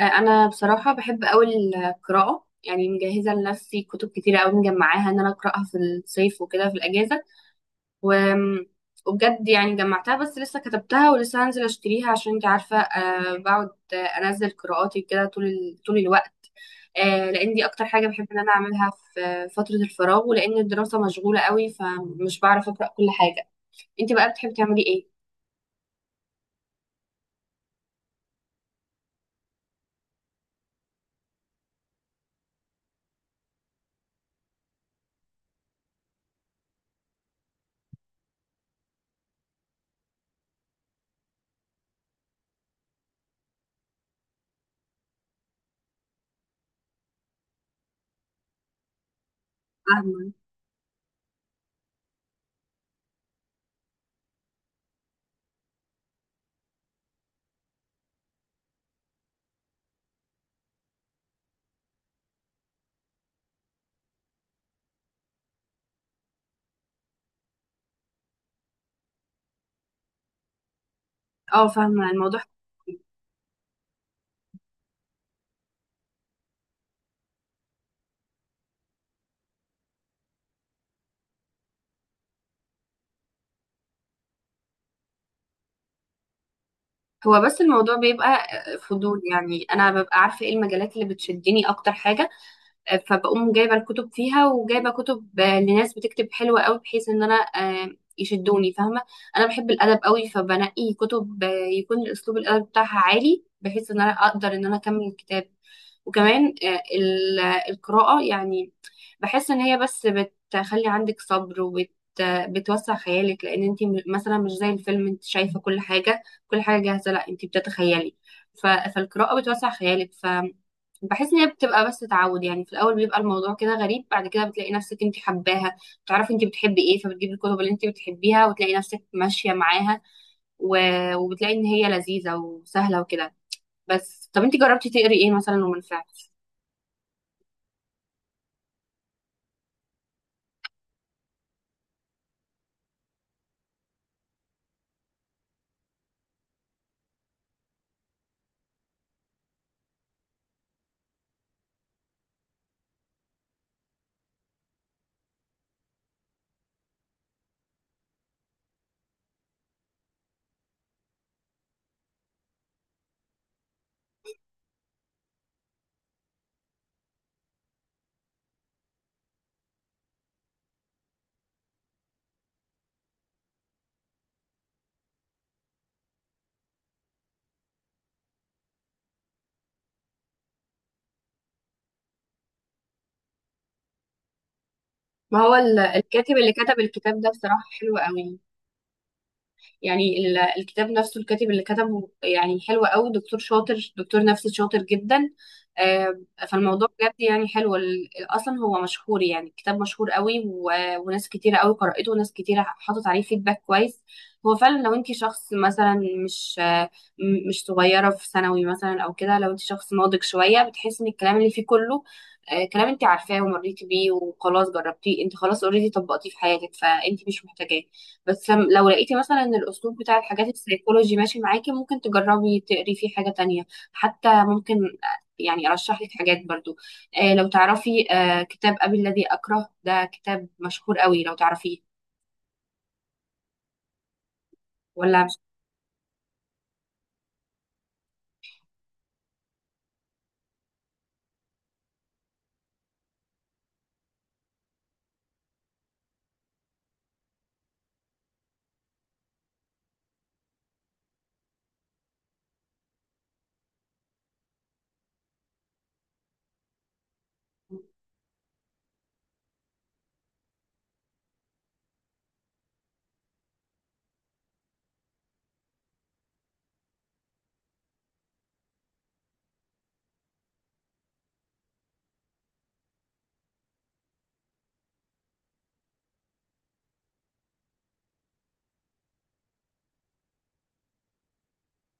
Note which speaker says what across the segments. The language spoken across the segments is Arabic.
Speaker 1: انا بصراحه بحب قوي القراءه. يعني مجهزه لنفسي كتب كتيره قوي مجمعاها ان انا اقراها في الصيف وكده في الاجازه. و... وبجد يعني جمعتها، بس لسه كتبتها ولسه هنزل اشتريها، عشان انت عارفه. بقعد انزل قراءاتي كده طول طول الوقت. لان دي اكتر حاجه بحب ان انا اعملها في فتره الفراغ، ولان الدراسه مشغوله قوي فمش بعرف اقرا كل حاجه. انت بقى بتحبي تعملي ايه؟ فاهمه. اه، فاهمه الموضوع. هو بس الموضوع بيبقى فضول، يعني انا ببقى عارفه ايه المجالات اللي بتشدني اكتر حاجه، فبقوم جايبه الكتب فيها وجايبه كتب لناس بتكتب حلوه قوي، بحيث ان انا يشدوني، فاهمه. انا بحب الادب قوي، فبنقي كتب يكون الاسلوب الادب بتاعها عالي، بحيث ان انا اقدر ان انا اكمل الكتاب. وكمان القراءه يعني بحس ان هي بس بتخلي عندك صبر، بتوسع خيالك، لان انت مثلا مش زي الفيلم انت شايفه كل حاجه، كل حاجه جاهزه. لا، انت بتتخيلي. فالقراءه بتوسع خيالك. بحس ان هي بتبقى بس تعود، يعني في الاول بيبقى الموضوع كده غريب، بعد كده بتلاقي نفسك انت حباها، بتعرفي انت بتحبي ايه، فبتجيبي الكتب اللي انت بتحبيها وتلاقي نفسك ماشيه معاها. و... وبتلاقي ان هي لذيذه وسهله وكده. بس طب انت جربتي تقري ايه مثلا ومن فعل؟ ما هو الكاتب اللي كتب الكتاب ده بصراحه حلو قوي. يعني الكتاب نفسه، الكاتب اللي كتبه يعني حلو قوي، دكتور شاطر، دكتور نفسي شاطر جدا. آه، فالموضوع بجد يعني حلو. اصلا هو مشهور، يعني الكتاب مشهور قوي، وناس كتيره قوي قرأته، وناس كتيره حطت عليه فيدباك كويس. هو فعلا لو انت شخص مثلا مش آه، م- مش صغيره في ثانوي مثلا او كده، لو انت شخص ناضج شويه بتحسي ان الكلام اللي فيه كله كلام انت عارفاه ومريتي بيه وخلاص جربتيه انت، خلاص اوريدي طبقتيه في حياتك، فانت مش محتاجاه. بس لم- لو لقيتي مثلا ان الاسلوب بتاع الحاجات السيكولوجي ماشي معاكي، ممكن تجربي تقري فيه حاجة تانية. حتى ممكن يعني ارشح لك حاجات برضو. لو تعرفي كتاب ابي الذي اكره، ده كتاب مشهور قوي، لو تعرفيه ولا مش.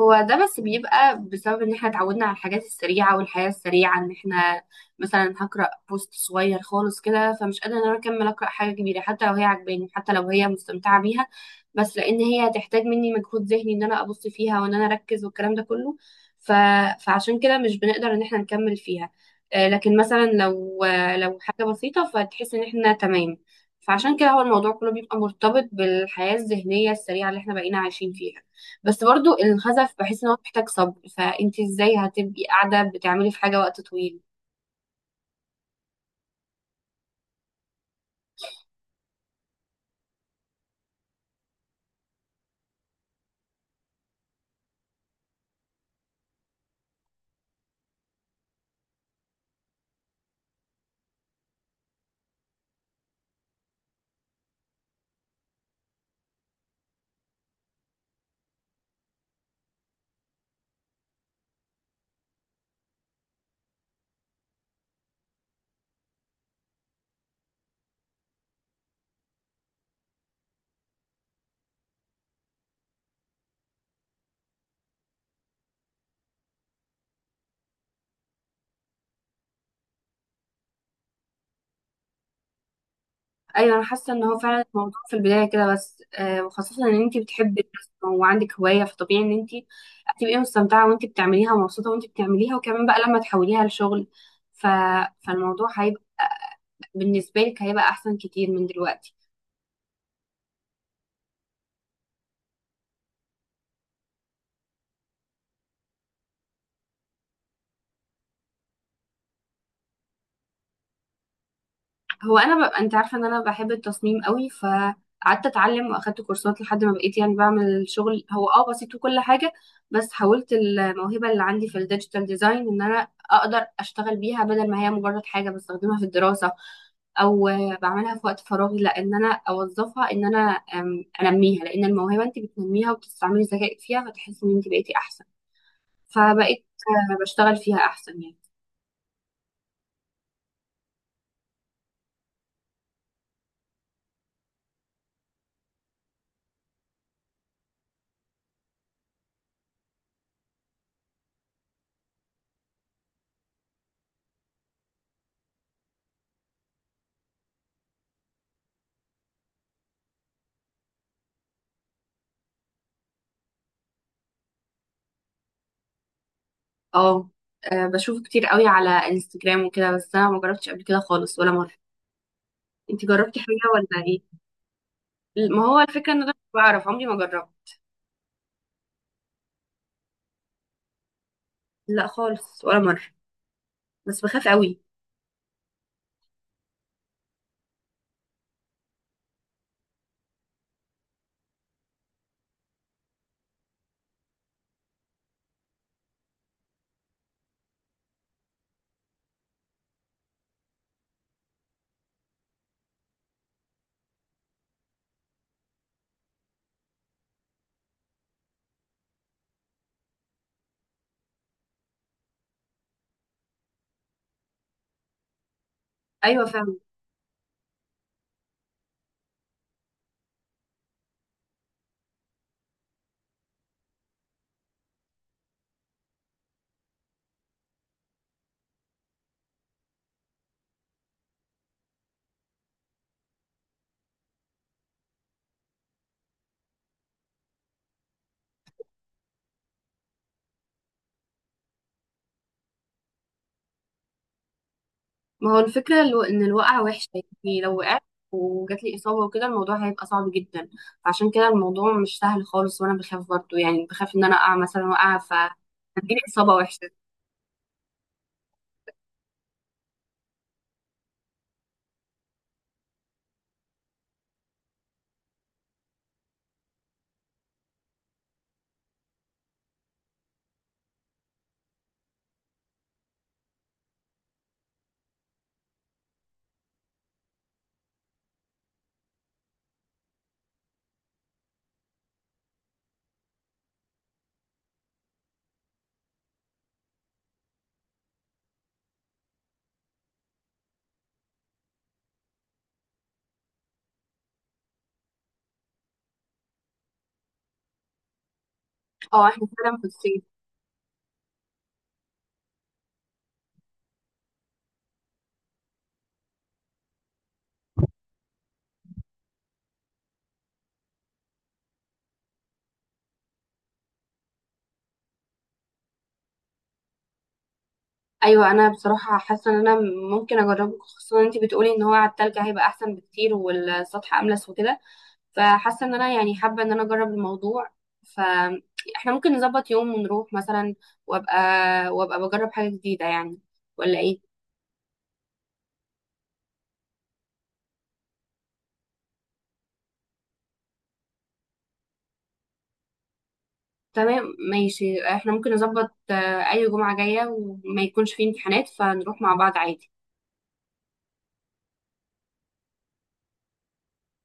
Speaker 1: هو ده بس بيبقى بسبب ان احنا اتعودنا على الحاجات السريعة والحياة السريعة، ان احنا مثلا هقرأ بوست صغير خالص كده، فمش قادرة ان انا اكمل اقرأ حاجة كبيرة حتى لو هي عجباني، حتى لو هي مستمتعة بيها، بس لان هي هتحتاج مني مجهود ذهني ان انا ابص فيها وان انا اركز، والكلام ده كله. ف... فعشان كده مش بنقدر ان احنا نكمل فيها. لكن مثلا لو لو حاجة بسيطة فتحس ان احنا تمام. فعشان كده هو الموضوع كله بيبقى مرتبط بالحياة الذهنية السريعة اللي احنا بقينا عايشين فيها. بس برضو الخزف بحس ان هو محتاج صبر، فانت ازاي هتبقي قاعده بتعملي في حاجه وقت طويل؟ ايوه، انا حاسه ان هو فعلا الموضوع في البدايه كده، بس وخاصه ان انت بتحبي الرسم وعندك هوايه، فطبيعي ان انت هتبقي مستمتعه وانت بتعمليها، ومبسوطه وانت بتعمليها، وكمان بقى لما تحوليها لشغل. ف... فالموضوع هيبقى بالنسبه لك هيبقى احسن كتير من دلوقتي. هو انا ببقى انت عارفه ان انا بحب التصميم قوي، فقعدت اتعلم واخدت كورسات لحد ما بقيت يعني بعمل شغل، هو بسيط وكل حاجه. بس حولت الموهبه اللي عندي في الديجيتال ديزاين ان انا اقدر اشتغل بيها، بدل ما هي مجرد حاجه بستخدمها في الدراسه او بعملها في وقت فراغي. لا، ان انا اوظفها، ان انا انميها، لان الموهبه انت بتنميها وبتستعملي ذكائك فيها، فتحسي ان انت بقيتي احسن. فبقيت بشتغل فيها احسن يعني. اه. بشوفه كتير قوي على انستجرام وكده، بس انا ما جربتش قبل كده خالص ولا مره. انتي جربتي حاجه ولا ايه؟ ما هو الفكره ان انا مش بعرف، عمري ما جربت. لا، خالص ولا مره، بس بخاف قوي. ايوه، فاهمه. ما هو الفكره ان الوقعه وحشه يعني، لو وقعت وجات لي اصابه وكده، الموضوع هيبقى صعب جدا. عشان كده الموضوع مش سهل خالص، وانا بخاف برضه، يعني بخاف ان انا اقع مثلا وقعه هتجيلي اصابه وحشه. اه، احنا فعلا في الصيف. ايوه، انا بصراحه حاسه ان انا ممكن اجربه، خصوصا ان انت بتقولي ان هو على التلج هيبقى احسن بكتير والسطح املس وكده. فحاسه ان انا يعني حابه ان انا اجرب الموضوع. فاحنا ممكن نظبط يوم ونروح مثلا، وابقى وابقى بجرب حاجه جديده يعني، ولا ايه؟ تمام. ماشي، احنا ممكن نظبط اي جمعه جايه وما يكونش فيه امتحانات، فنروح مع بعض عادي.